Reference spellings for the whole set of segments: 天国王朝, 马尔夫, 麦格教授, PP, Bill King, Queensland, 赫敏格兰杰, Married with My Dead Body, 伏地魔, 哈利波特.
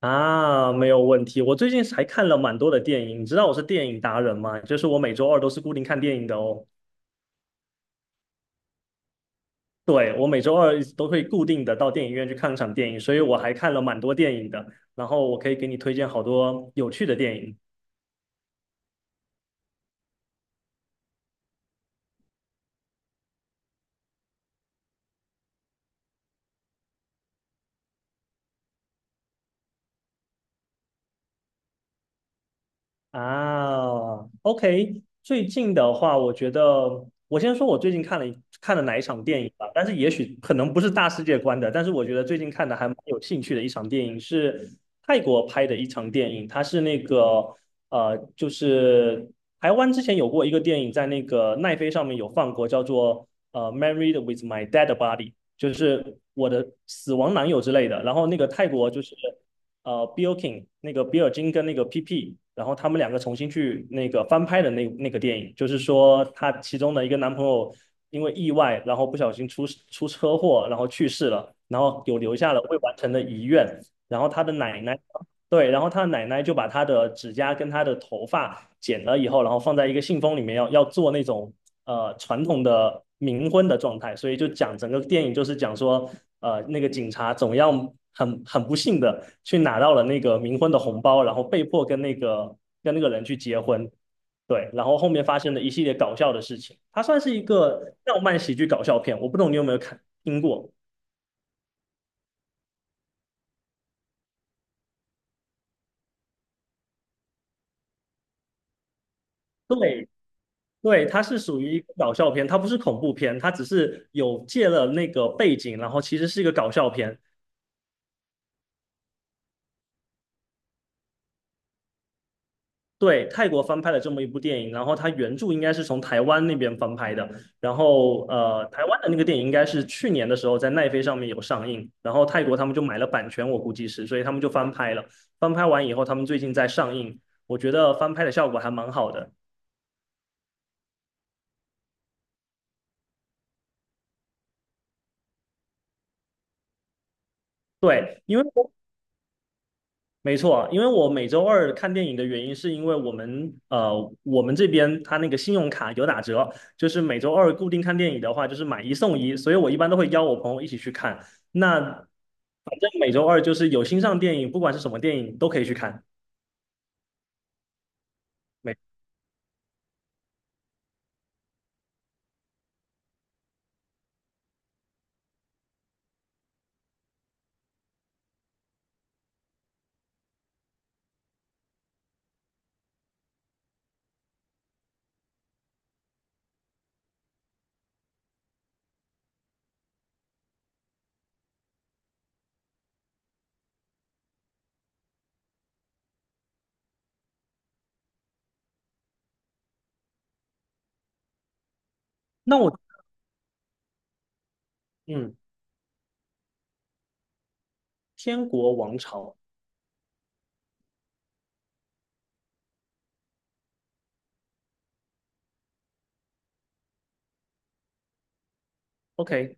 啊，没有问题。我最近还看了蛮多的电影，你知道我是电影达人吗？就是我每周二都是固定看电影的哦。对，我每周二都会固定的到电影院去看场电影，所以我还看了蛮多电影的。然后我可以给你推荐好多有趣的电影。啊，OK，最近的话，我觉得我先说我最近看了哪一场电影吧，但是也许可能不是大世界观的，但是我觉得最近看的还蛮有兴趣的一场电影是泰国拍的一场电影，它是那个就是台湾之前有过一个电影在那个奈飞上面有放过，叫做《Married with My Dead Body》,就是我的死亡男友之类的，然后那个泰国就是。Bill King 那个比尔金跟那个 PP,然后他们两个重新去那个翻拍的那个电影，就是说她其中的一个男朋友因为意外，然后不小心出车祸，然后去世了，然后有留下了未完成的遗愿，然后他的奶奶。对，然后他的奶奶就把她的指甲跟她的头发剪了以后，然后放在一个信封里面要做那种传统的冥婚的状态，所以就讲整个电影就是讲说，那个警察总要很不幸的去拿到了那个冥婚的红包，然后被迫跟那个人去结婚，对，然后后面发生了一系列搞笑的事情，它算是一个浪漫喜剧搞笑片，我不懂你有没有看听过？对。对，它是属于一个搞笑片，它不是恐怖片，它只是有借了那个背景，然后其实是一个搞笑片。对，泰国翻拍了这么一部电影，然后它原著应该是从台湾那边翻拍的，然后台湾的那个电影应该是去年的时候在奈飞上面有上映，然后泰国他们就买了版权，我估计是，所以他们就翻拍了。翻拍完以后，他们最近在上映，我觉得翻拍的效果还蛮好的。对，因为我没错，因为我每周二看电影的原因，是因为我们这边它那个信用卡有打折，就是每周二固定看电影的话，就是买一送一，所以我一般都会邀我朋友一起去看。那反正每周二就是有新上电影，不管是什么电影都可以去看。每那我嗯，《天国王朝》OK,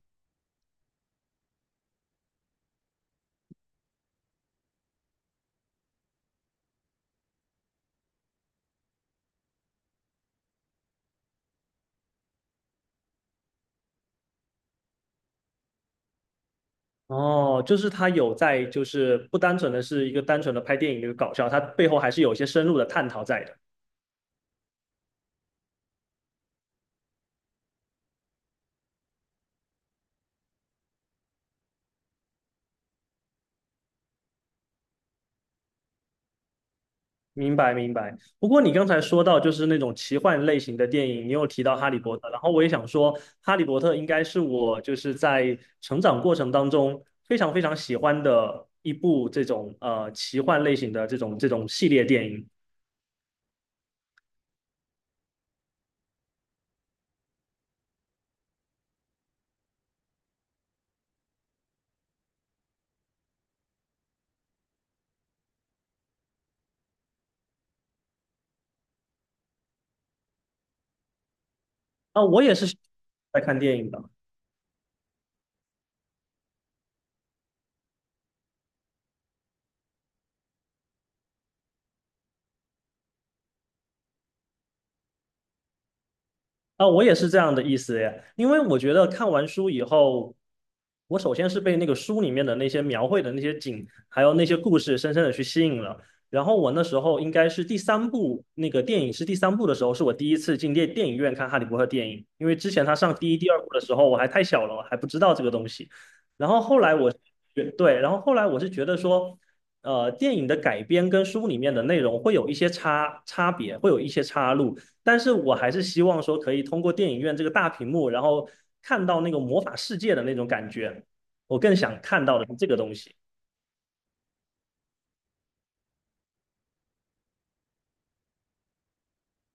哦，就是它有在，就是不单纯的是一个单纯的拍电影的一个搞笑，它背后还是有一些深入的探讨在的。明白明白。不过你刚才说到就是那种奇幻类型的电影，你有提到《哈利波特》，然后我也想说，《哈利波特》应该是我就是在成长过程当中非常非常喜欢的一部这种奇幻类型的这种系列电影。啊，我也是在看电影的。啊，我也是这样的意思耶，因为我觉得看完书以后，我首先是被那个书里面的那些描绘的那些景，还有那些故事深深的去吸引了。然后我那时候应该是第三部，那个电影是第三部的时候，是我第一次进电影院看《哈利波特》电影，因为之前他上第一、第二部的时候，我还太小了，我还不知道这个东西。然后后来我是觉对，然后后来我是觉得说。电影的改编跟书里面的内容会有一些差别，会有一些岔路。但是我还是希望说可以通过电影院这个大屏幕，然后看到那个魔法世界的那种感觉。我更想看到的是这个东西。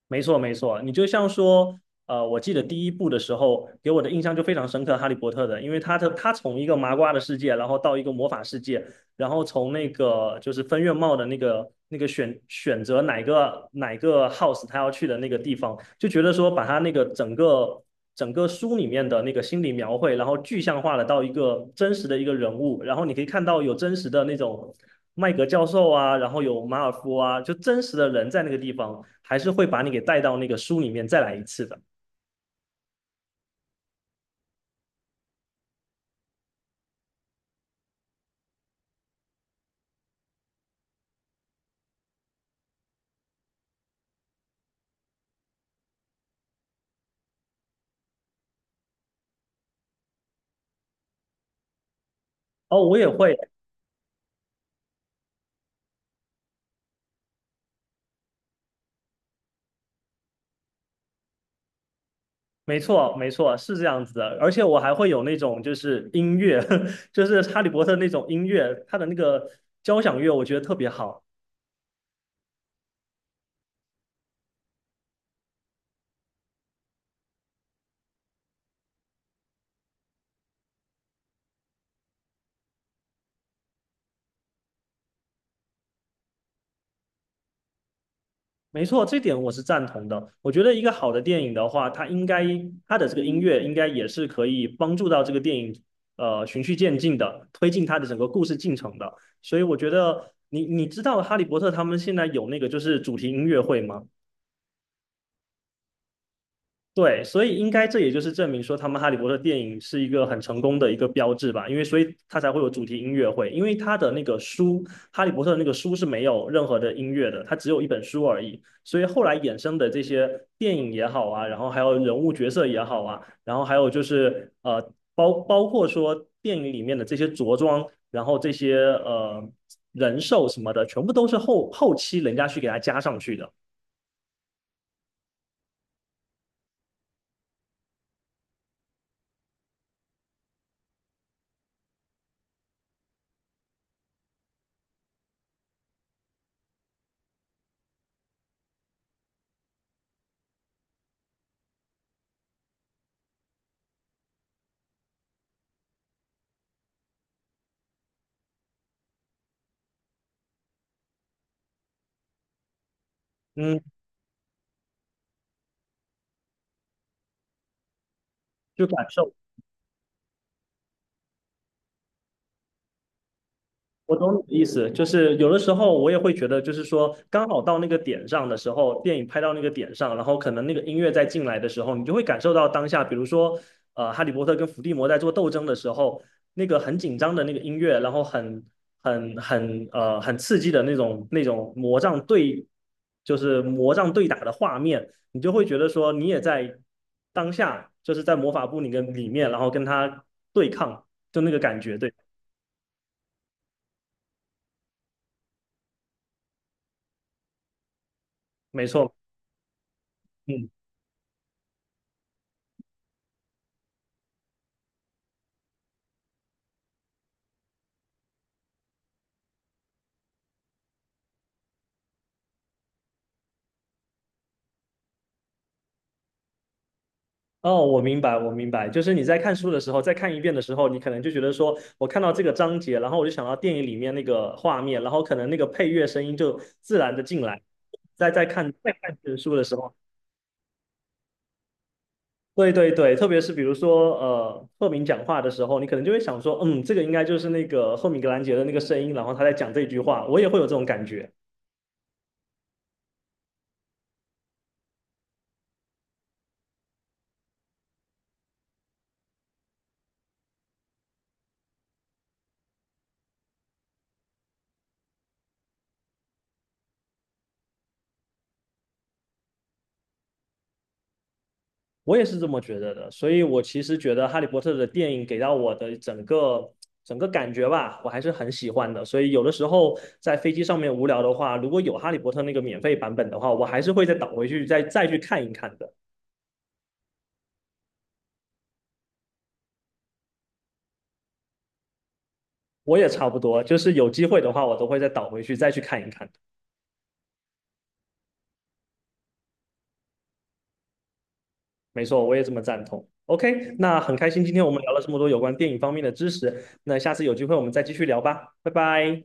没错，没错，你就像说，我记得第一部的时候，给我的印象就非常深刻，《哈利波特》的，因为他的他从一个麻瓜的世界，然后到一个魔法世界，然后从那个就是分院帽的那个选择哪个 house 他要去的那个地方，就觉得说把他那个整个书里面的那个心理描绘，然后具象化了到一个真实的一个人物，然后你可以看到有真实的那种麦格教授啊，然后有马尔夫啊，就真实的人在那个地方，还是会把你给带到那个书里面再来一次的。哦，我也会，没错，没错，是这样子的，而且我还会有那种就是音乐，就是哈利波特那种音乐，它的那个交响乐，我觉得特别好。没错，这点我是赞同的。我觉得一个好的电影的话，它应该它的这个音乐应该也是可以帮助到这个电影循序渐进的推进它的整个故事进程的。所以我觉得你知道哈利波特他们现在有那个就是主题音乐会吗？对，所以应该这也就是证明说，他们《哈利波特》电影是一个很成功的一个标志吧，因为所以它才会有主题音乐会，因为它的那个书《哈利波特》那个书是没有任何的音乐的，它只有一本书而已，所以后来衍生的这些电影也好啊，然后还有人物角色也好啊，然后还有就是包括说电影里面的这些着装，然后这些人兽什么的，全部都是后期人家去给它加上去的，嗯，就感受。我懂你的意思，就是有的时候我也会觉得，就是说刚好到那个点上的时候，电影拍到那个点上，然后可能那个音乐再进来的时候，你就会感受到当下，比如说，哈利波特跟伏地魔在做斗争的时候，那个很紧张的那个音乐，然后很刺激的那种魔杖对，就是魔杖对打的画面，你就会觉得说你也在当下，就是在魔法部里跟里面，然后跟他对抗，就那个感觉，对，没错。嗯。哦，我明白，我明白，就是你在看书的时候，再看一遍的时候，你可能就觉得说，我看到这个章节，然后我就想到电影里面那个画面，然后可能那个配乐声音就自然的进来。在看这本书的时候，对对对，特别是比如说赫敏讲话的时候，你可能就会想说，嗯，这个应该就是那个赫敏格兰杰的那个声音，然后他在讲这句话，我也会有这种感觉。我也是这么觉得的，所以我其实觉得《哈利波特》的电影给到我的整个感觉吧，我还是很喜欢的。所以有的时候在飞机上面无聊的话，如果有《哈利波特》那个免费版本的话，我还是会再倒回去再去看一看的。我也差不多，就是有机会的话，我都会再倒回去再去看一看的。没错，我也这么赞同。OK,那很开心今天我们聊了这么多有关电影方面的知识，那下次有机会我们再继续聊吧，拜拜。